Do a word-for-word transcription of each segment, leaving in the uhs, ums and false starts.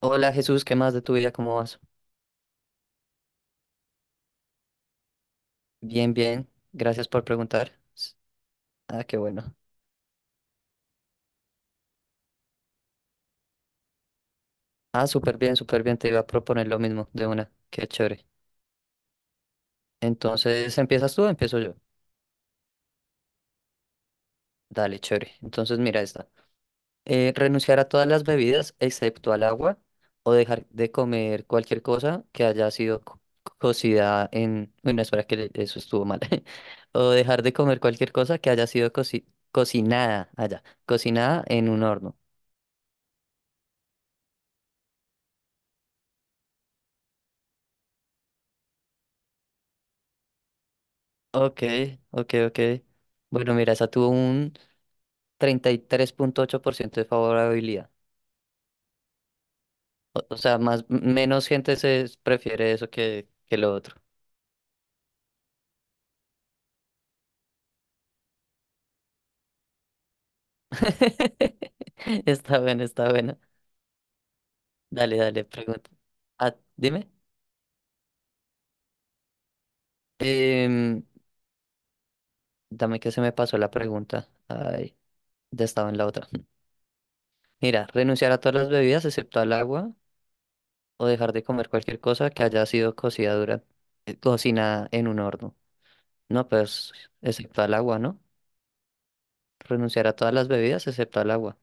Hola Jesús, ¿qué más de tu vida? ¿Cómo vas? Bien, bien. Gracias por preguntar. S- Ah, qué bueno. Ah, súper bien, súper bien. Te iba a proponer lo mismo de una. Qué chévere. Entonces, ¿empiezas tú o empiezo yo? Dale, chévere. Entonces, mira esta. Eh, renunciar a todas las bebidas excepto al agua o dejar de comer cualquier cosa que haya sido co- cocida en... Bueno, espera que le- eso estuvo mal. O dejar de comer cualquier cosa que haya sido coci- cocinada allá, cocinada en un horno. Ok, ok, ok. Bueno, mira, esa tuvo un treinta y tres punto ocho por ciento de favorabilidad. O, o sea, más, menos gente se s- prefiere eso que, que lo otro. Está bueno, está bueno. Dale, dale, pregunta. Ah, dime. Em, Dame que se me pasó la pregunta. Ay, ya estaba en la otra. Mira, renunciar a todas las bebidas excepto al agua o dejar de comer cualquier cosa que haya sido cocida durante, cocinada en un horno. No, pues, excepto al agua, ¿no? Renunciar a todas las bebidas excepto al agua.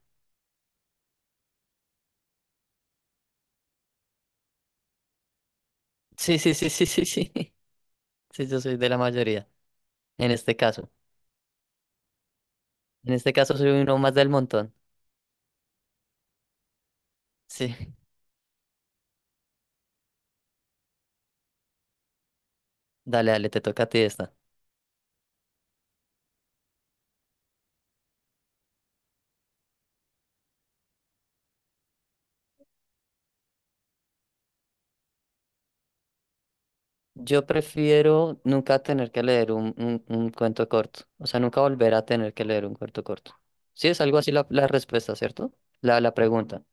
Sí, sí, sí, sí, sí, sí. Sí, yo soy de la mayoría. En este caso. En este caso soy uno más del montón. Sí. Dale, dale, te toca a ti esta. Yo prefiero nunca tener que leer un, un, un cuento corto. O sea, nunca volver a tener que leer un cuento corto. Sí, es algo así la, la respuesta, ¿cierto? La, la pregunta.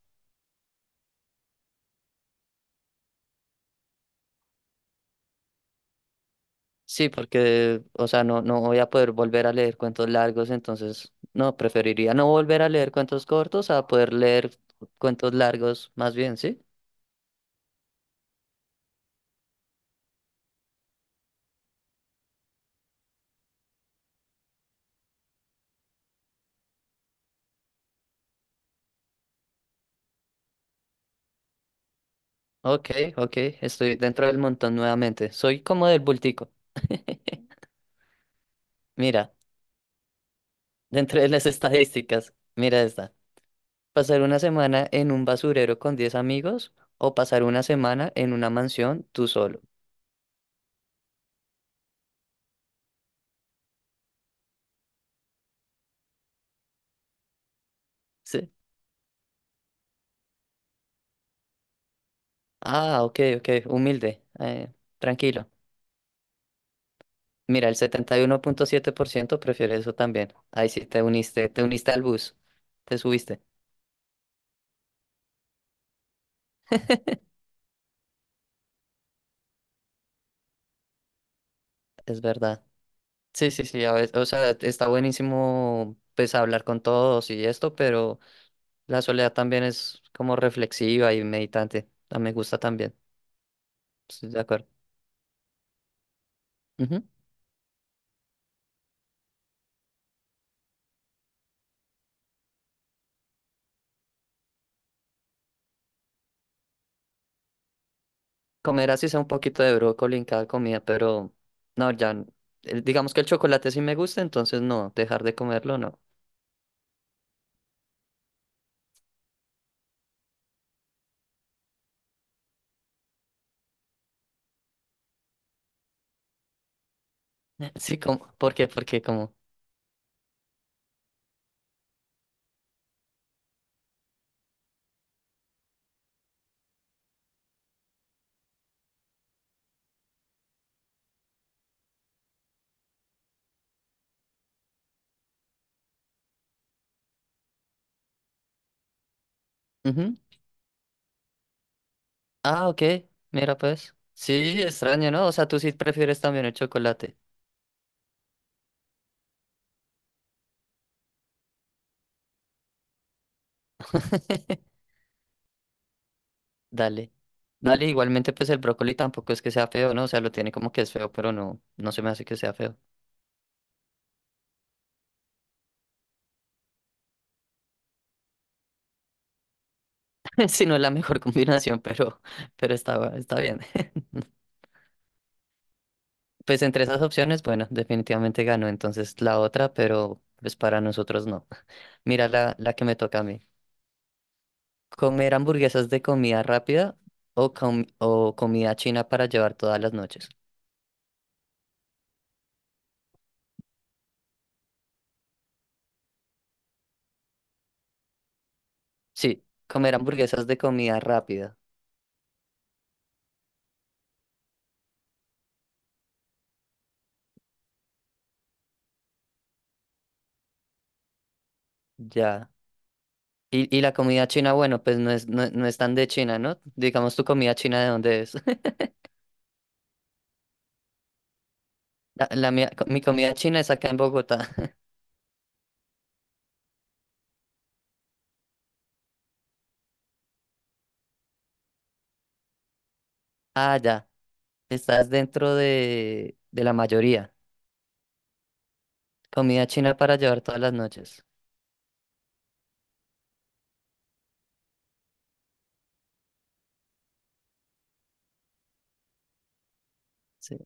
Sí, porque, o sea, no, no voy a poder volver a leer cuentos largos, entonces, no, preferiría no volver a leer cuentos cortos a poder leer cuentos largos, más bien, ¿sí? Ok, ok, estoy dentro del montón nuevamente. Soy como del bultico. Mira, dentro de las estadísticas, mira esta. Pasar una semana en un basurero con diez amigos o pasar una semana en una mansión tú solo. Sí. Ah, ok, ok, humilde, eh, tranquilo. Mira, el setenta y uno punto siete por ciento prefiere eso también. Ahí sí te uniste, te uniste al bus, te subiste, es verdad. Sí, sí, sí, a veces, o sea, está buenísimo pues hablar con todos y esto, pero... La soledad también es como reflexiva y meditante. Ah, me gusta también. Estoy de acuerdo. Ujú. Comer así sea un poquito de brócoli en cada comida, pero no, ya. n- el- Digamos que el chocolate sí me gusta, entonces no, dejar de comerlo no. Sí, como, ¿por qué? Porque como. Ujú. Ah, ok. Mira pues. Sí, extraño, ¿no? O sea, tú sí prefieres también el chocolate. Dale. Dale, igualmente pues el brócoli tampoco es que sea feo, ¿no? O sea, lo tiene como que es feo, pero no, no se me hace que sea feo. Si no es la mejor combinación, pero, pero está, está bien. Pues entre esas opciones, bueno, definitivamente ganó entonces la otra, pero pues para nosotros no. Mira la, la que me toca a mí. ¿Comer hamburguesas de comida rápida o, com- o comida china para llevar todas las noches? Sí, comer hamburguesas de comida rápida, ya. Y, y la comida china, bueno, pues no es, no, no es tan de China, ¿no? Digamos tu comida china de dónde es. La, la mía- mi comida china es acá en Bogotá. Ah, ya. Estás dentro de, de la mayoría. Comida china para llevar todas las noches. Sí.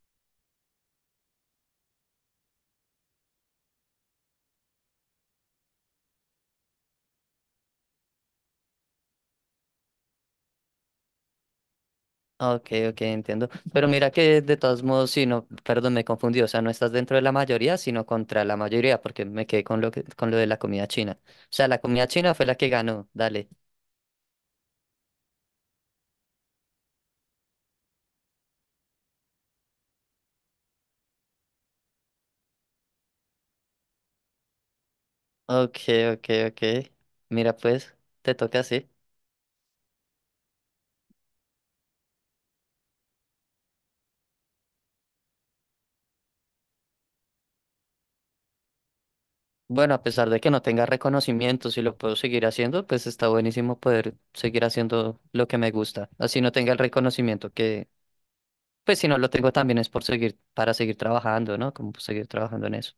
Ok, ok, entiendo. Pero mira que de todos modos, si no, perdón, me confundí. O sea, no estás dentro de la mayoría, sino contra la mayoría, porque me quedé con lo que, con lo de la comida china. O sea, la comida china fue la que ganó. Dale. Ok, ok, ok. Mira, pues, te toca así. Bueno, a pesar de que no tenga reconocimiento, si lo puedo seguir haciendo, pues está buenísimo poder seguir haciendo lo que me gusta. Así no tenga el reconocimiento que, pues si no lo tengo también es por seguir, para seguir trabajando, ¿no? Como seguir trabajando en eso.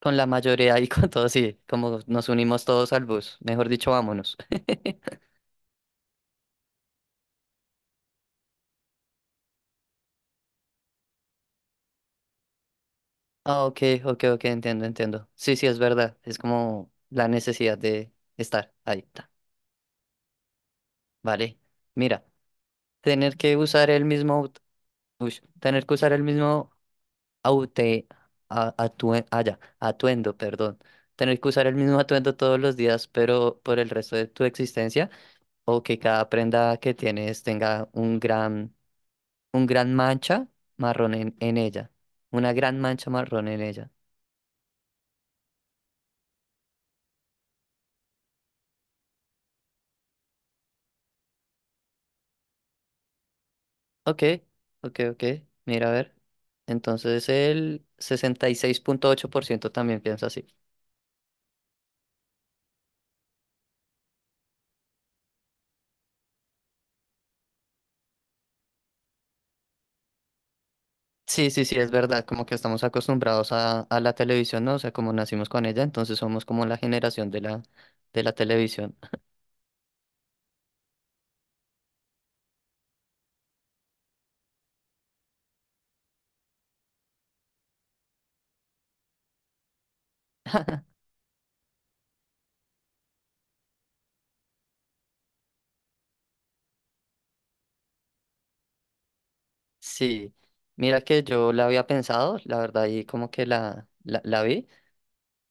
Con la mayoría y con todos, sí, como nos unimos todos al bus. Mejor dicho, vámonos. Ah, ok, ok, ok, entiendo, entiendo. Sí, sí, es verdad. Es como la necesidad de estar ahí. Está. Vale. Mira, tener que usar el mismo, aut- uy, tener que usar el mismo aute, a- atue- ah, ya, atuendo, perdón. Tener que usar el mismo atuendo todos los días, pero por el resto de tu existencia. O que cada prenda que tienes tenga un gran, un gran mancha marrón en, en ella. Una gran mancha marrón en ella. Ok, ok, ok. Mira, a ver. Entonces el sesenta y seis punto ocho por ciento también piensa así. Sí, sí, sí, es verdad, como que estamos acostumbrados a, a la televisión, ¿no? O sea, como nacimos con ella, entonces somos como la generación de la, de la televisión. Sí, mira que yo la había pensado, la verdad, y como que la, la, la vi.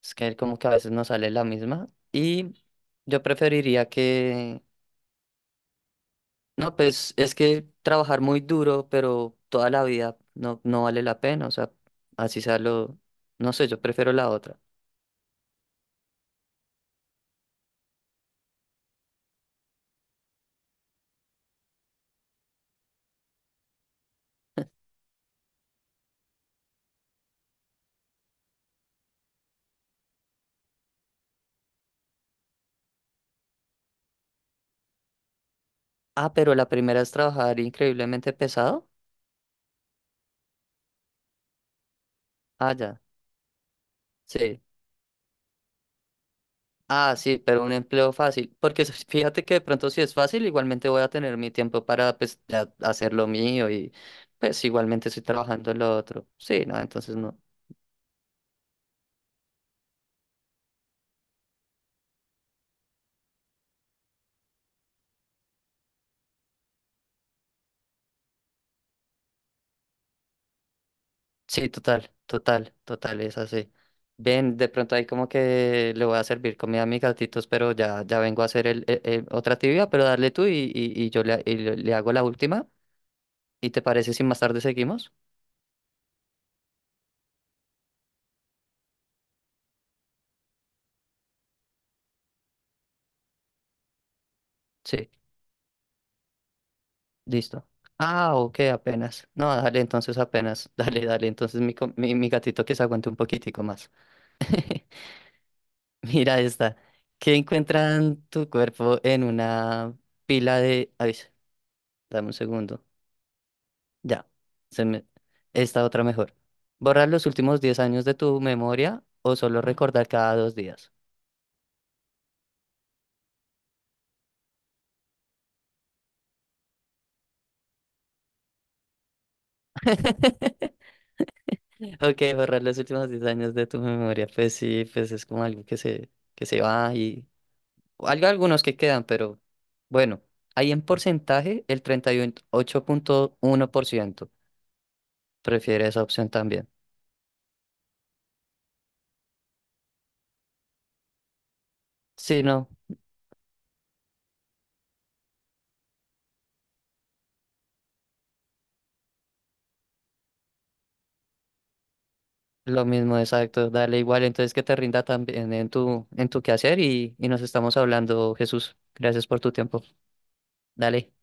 Es que como que a veces no sale la misma. Y yo preferiría que... No, pues es que trabajar muy duro, pero toda la vida no, no vale la pena. O sea, así sea lo... No sé, yo prefiero la otra. Ah, pero la primera es trabajar increíblemente pesado. Ah, ya. Sí. Ah, sí, pero un empleo fácil. Porque s- fíjate que de pronto si es fácil, igualmente voy a tener mi tiempo para pues, ya hacer lo mío y pues igualmente estoy trabajando en lo otro. Sí, no, entonces no. Sí, total, total, total, es así. Ven, de pronto ahí como que le voy a servir comida a mis gatitos, pero ya, ya vengo a hacer el, el- el- otra actividad, pero dale tú y, y, y yo le, y le le hago la última. ¿Y te parece si más tarde seguimos? Sí, listo. Ah, ok, apenas. No, dale, entonces apenas. Dale, dale, entonces mi, co- mi, mi gatito que se aguante un poquitico más. Mira esta. ¿Qué encuentran tu cuerpo en una pila de...? Ay, dame un segundo. Ya, se me... esta otra mejor. ¿Borrar los últimos diez años de tu memoria o solo recordar cada dos días? Ok, borrar los últimos diez años de tu memoria. Pues sí, pues es como algo que se, que se va y... o algo, algunos que quedan, pero bueno, ahí en porcentaje el treinta y ocho punto uno por ciento prefiere esa opción también. Sí, no, lo mismo, exacto. Dale igual, entonces que te rinda también en tu, en tu quehacer y, y nos estamos hablando, Jesús. Gracias por tu tiempo. Dale.